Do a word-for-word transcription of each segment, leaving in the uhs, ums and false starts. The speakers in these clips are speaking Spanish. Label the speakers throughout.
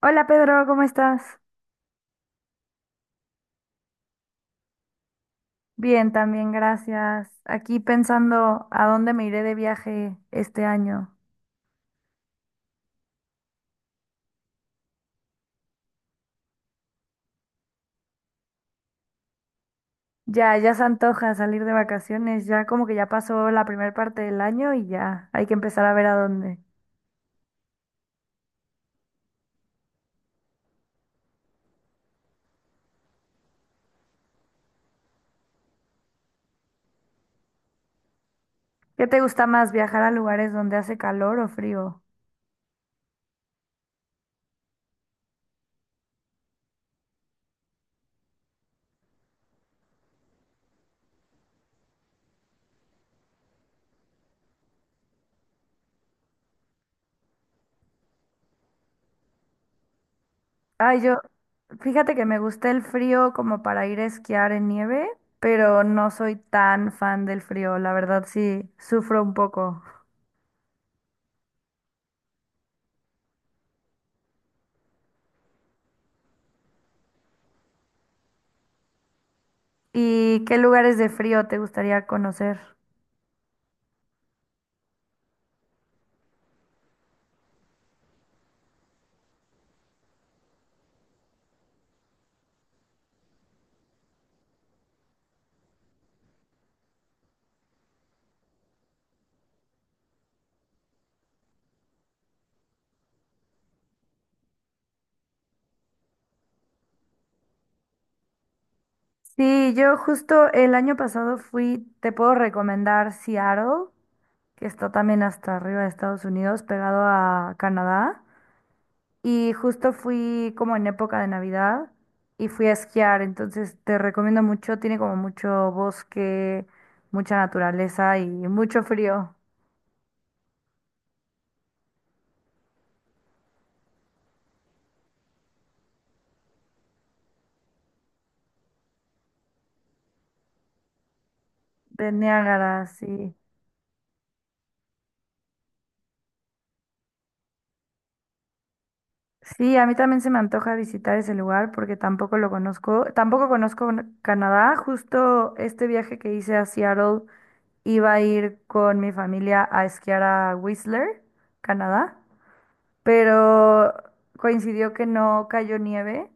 Speaker 1: Hola Pedro, ¿cómo estás? Bien, también, gracias. Aquí pensando a dónde me iré de viaje este año. Ya, ya se antoja salir de vacaciones, ya como que ya pasó la primera parte del año y ya hay que empezar a ver a dónde. ¿Qué te gusta más, viajar a lugares donde hace calor o frío? Ay, yo, fíjate que me gusta el frío como para ir a esquiar en nieve, pero no soy tan fan del frío, la verdad sí, sufro un poco. ¿Y qué lugares de frío te gustaría conocer? Sí, yo justo el año pasado fui, te puedo recomendar Seattle, que está también hasta arriba de Estados Unidos, pegado a Canadá. Y justo fui como en época de Navidad y fui a esquiar, entonces te recomiendo mucho, tiene como mucho bosque, mucha naturaleza y mucho frío de Niágara, sí. Sí, a mí también se me antoja visitar ese lugar porque tampoco lo conozco, tampoco conozco n- Canadá, justo este viaje que hice a Seattle. Iba a ir con mi familia a esquiar a Whistler, Canadá, pero coincidió que no cayó nieve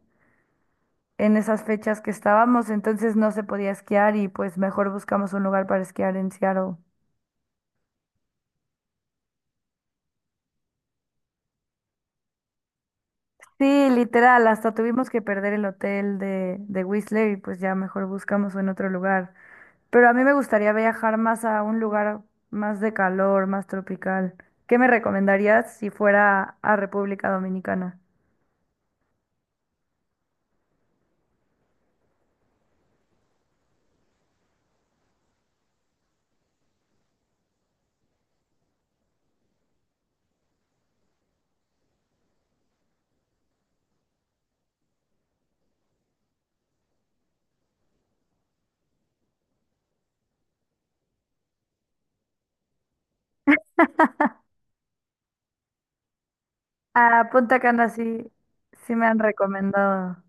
Speaker 1: en esas fechas que estábamos, entonces no se podía esquiar y pues mejor buscamos un lugar para esquiar en Seattle. Sí, literal, hasta tuvimos que perder el hotel de, de Whistler y pues ya mejor buscamos en otro lugar. Pero a mí me gustaría viajar más a un lugar más de calor, más tropical. ¿Qué me recomendarías si fuera a República Dominicana? Ah, Punta Cana sí, sí me han recomendado.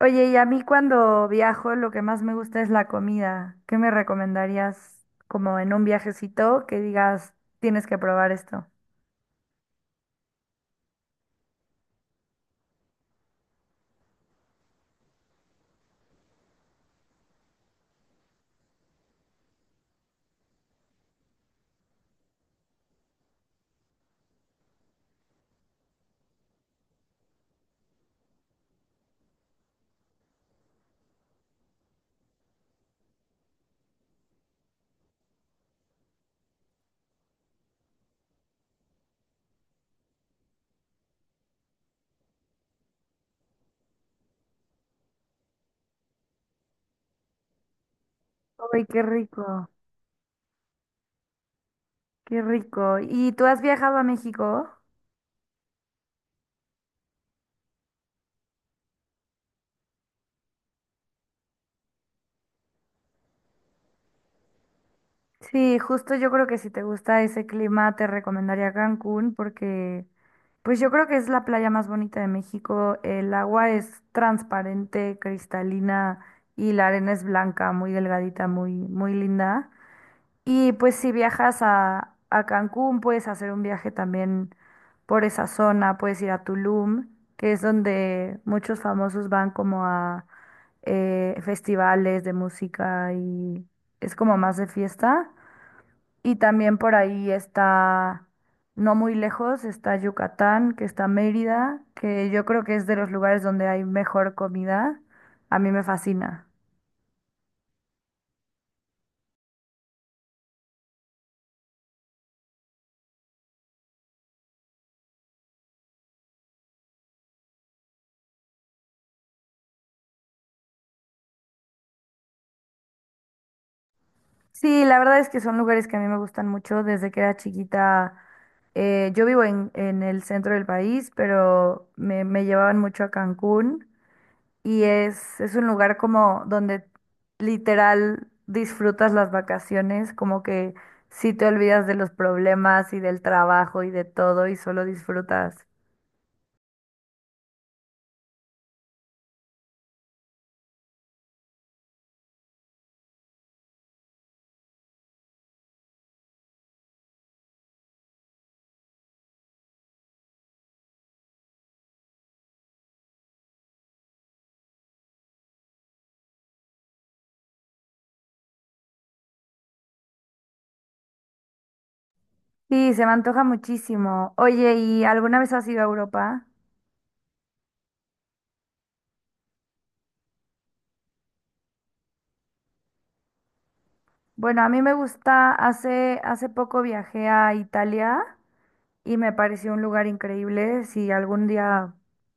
Speaker 1: Oye, y a mí cuando viajo lo que más me gusta es la comida. ¿Qué me recomendarías como en un viajecito que digas, tienes que probar esto? Ay, qué rico, qué rico. ¿Y tú has viajado a México? Sí, justo yo creo que si te gusta ese clima te recomendaría Cancún porque pues yo creo que es la playa más bonita de México. El agua es transparente, cristalina y la arena es blanca, muy delgadita, muy muy linda. Y pues si viajas a a Cancún puedes hacer un viaje también por esa zona, puedes ir a Tulum, que es donde muchos famosos van como a eh, festivales de música y es como más de fiesta. Y también por ahí está, no muy lejos, está Yucatán, que está Mérida, que yo creo que es de los lugares donde hay mejor comida. A mí me fascina. Sí, la verdad es que son lugares que a mí me gustan mucho. Desde que era chiquita, eh, yo vivo en, en el centro del país, pero me, me llevaban mucho a Cancún. Y es, es un lugar como donde literal disfrutas las vacaciones, como que sí te olvidas de los problemas y del trabajo y de todo y solo disfrutas. Sí, se me antoja muchísimo. Oye, ¿y alguna vez has ido a Europa? Bueno, a mí me gusta, hace, hace poco viajé a Italia y me pareció un lugar increíble. Si algún día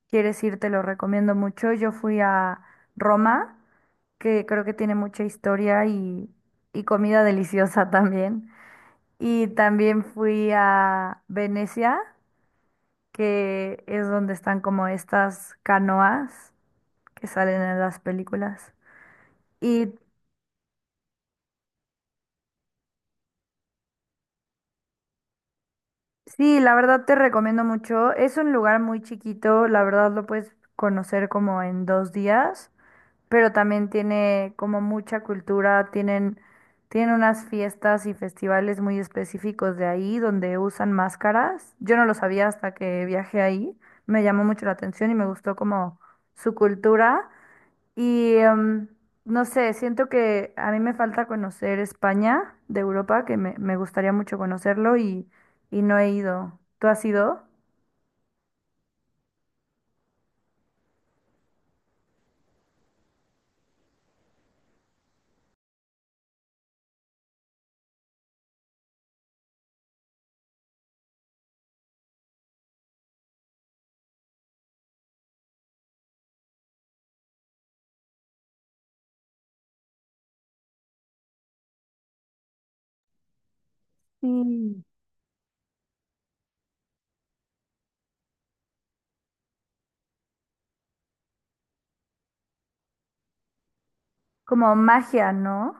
Speaker 1: quieres ir, te lo recomiendo mucho. Yo fui a Roma, que creo que tiene mucha historia y, y comida deliciosa también. Y también fui a Venecia, que es donde están como estas canoas que salen en las películas. Y sí, la verdad te recomiendo mucho. Es un lugar muy chiquito, la verdad lo puedes conocer como en dos días. Pero también tiene como mucha cultura, tienen, tienen unas fiestas y festivales muy específicos de ahí donde usan máscaras. Yo no lo sabía hasta que viajé ahí, me llamó mucho la atención y me gustó como su cultura. Y em, no sé, siento que a mí me falta conocer España de Europa, que me, me gustaría mucho conocerlo y, y no he ido. ¿Tú has ido? Sí. Como magia, ¿no?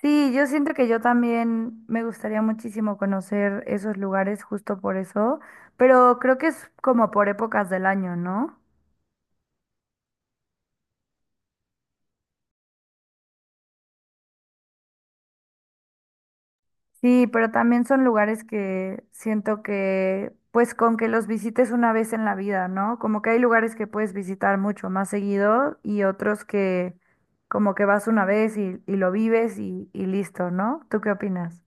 Speaker 1: Sí, yo siento que yo también me gustaría muchísimo conocer esos lugares justo por eso, pero creo que es como por épocas del año, ¿no? Sí, pero también son lugares que siento que, pues con que los visites una vez en la vida, ¿no? Como que hay lugares que puedes visitar mucho más seguido y otros que como que vas una vez y, y lo vives y, y listo, ¿no? ¿Tú qué opinas?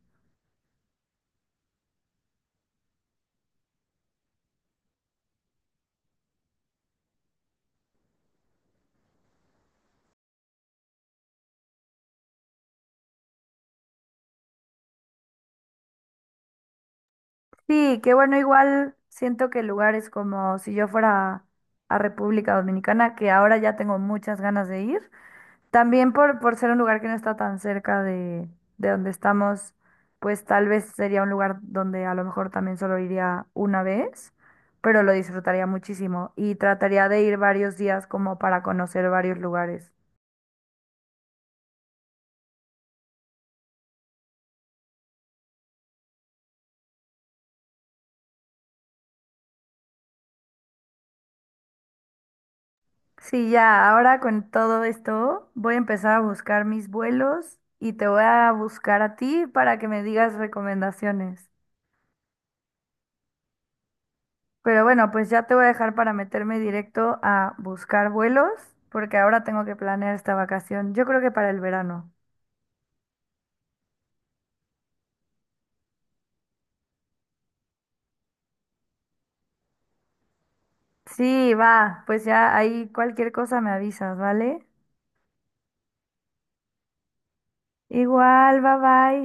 Speaker 1: Sí, que bueno, igual siento que lugares como si yo fuera a República Dominicana, que ahora ya tengo muchas ganas de ir, también por, por ser un lugar que no está tan cerca de, de donde estamos, pues tal vez sería un lugar donde a lo mejor también solo iría una vez, pero lo disfrutaría muchísimo y trataría de ir varios días como para conocer varios lugares. Sí, ya, ahora con todo esto voy a empezar a buscar mis vuelos y te voy a buscar a ti para que me digas recomendaciones. Pero bueno, pues ya te voy a dejar para meterme directo a buscar vuelos porque ahora tengo que planear esta vacación. Yo creo que para el verano. Sí, va, pues ya ahí cualquier cosa me avisas, ¿vale? Igual, bye bye.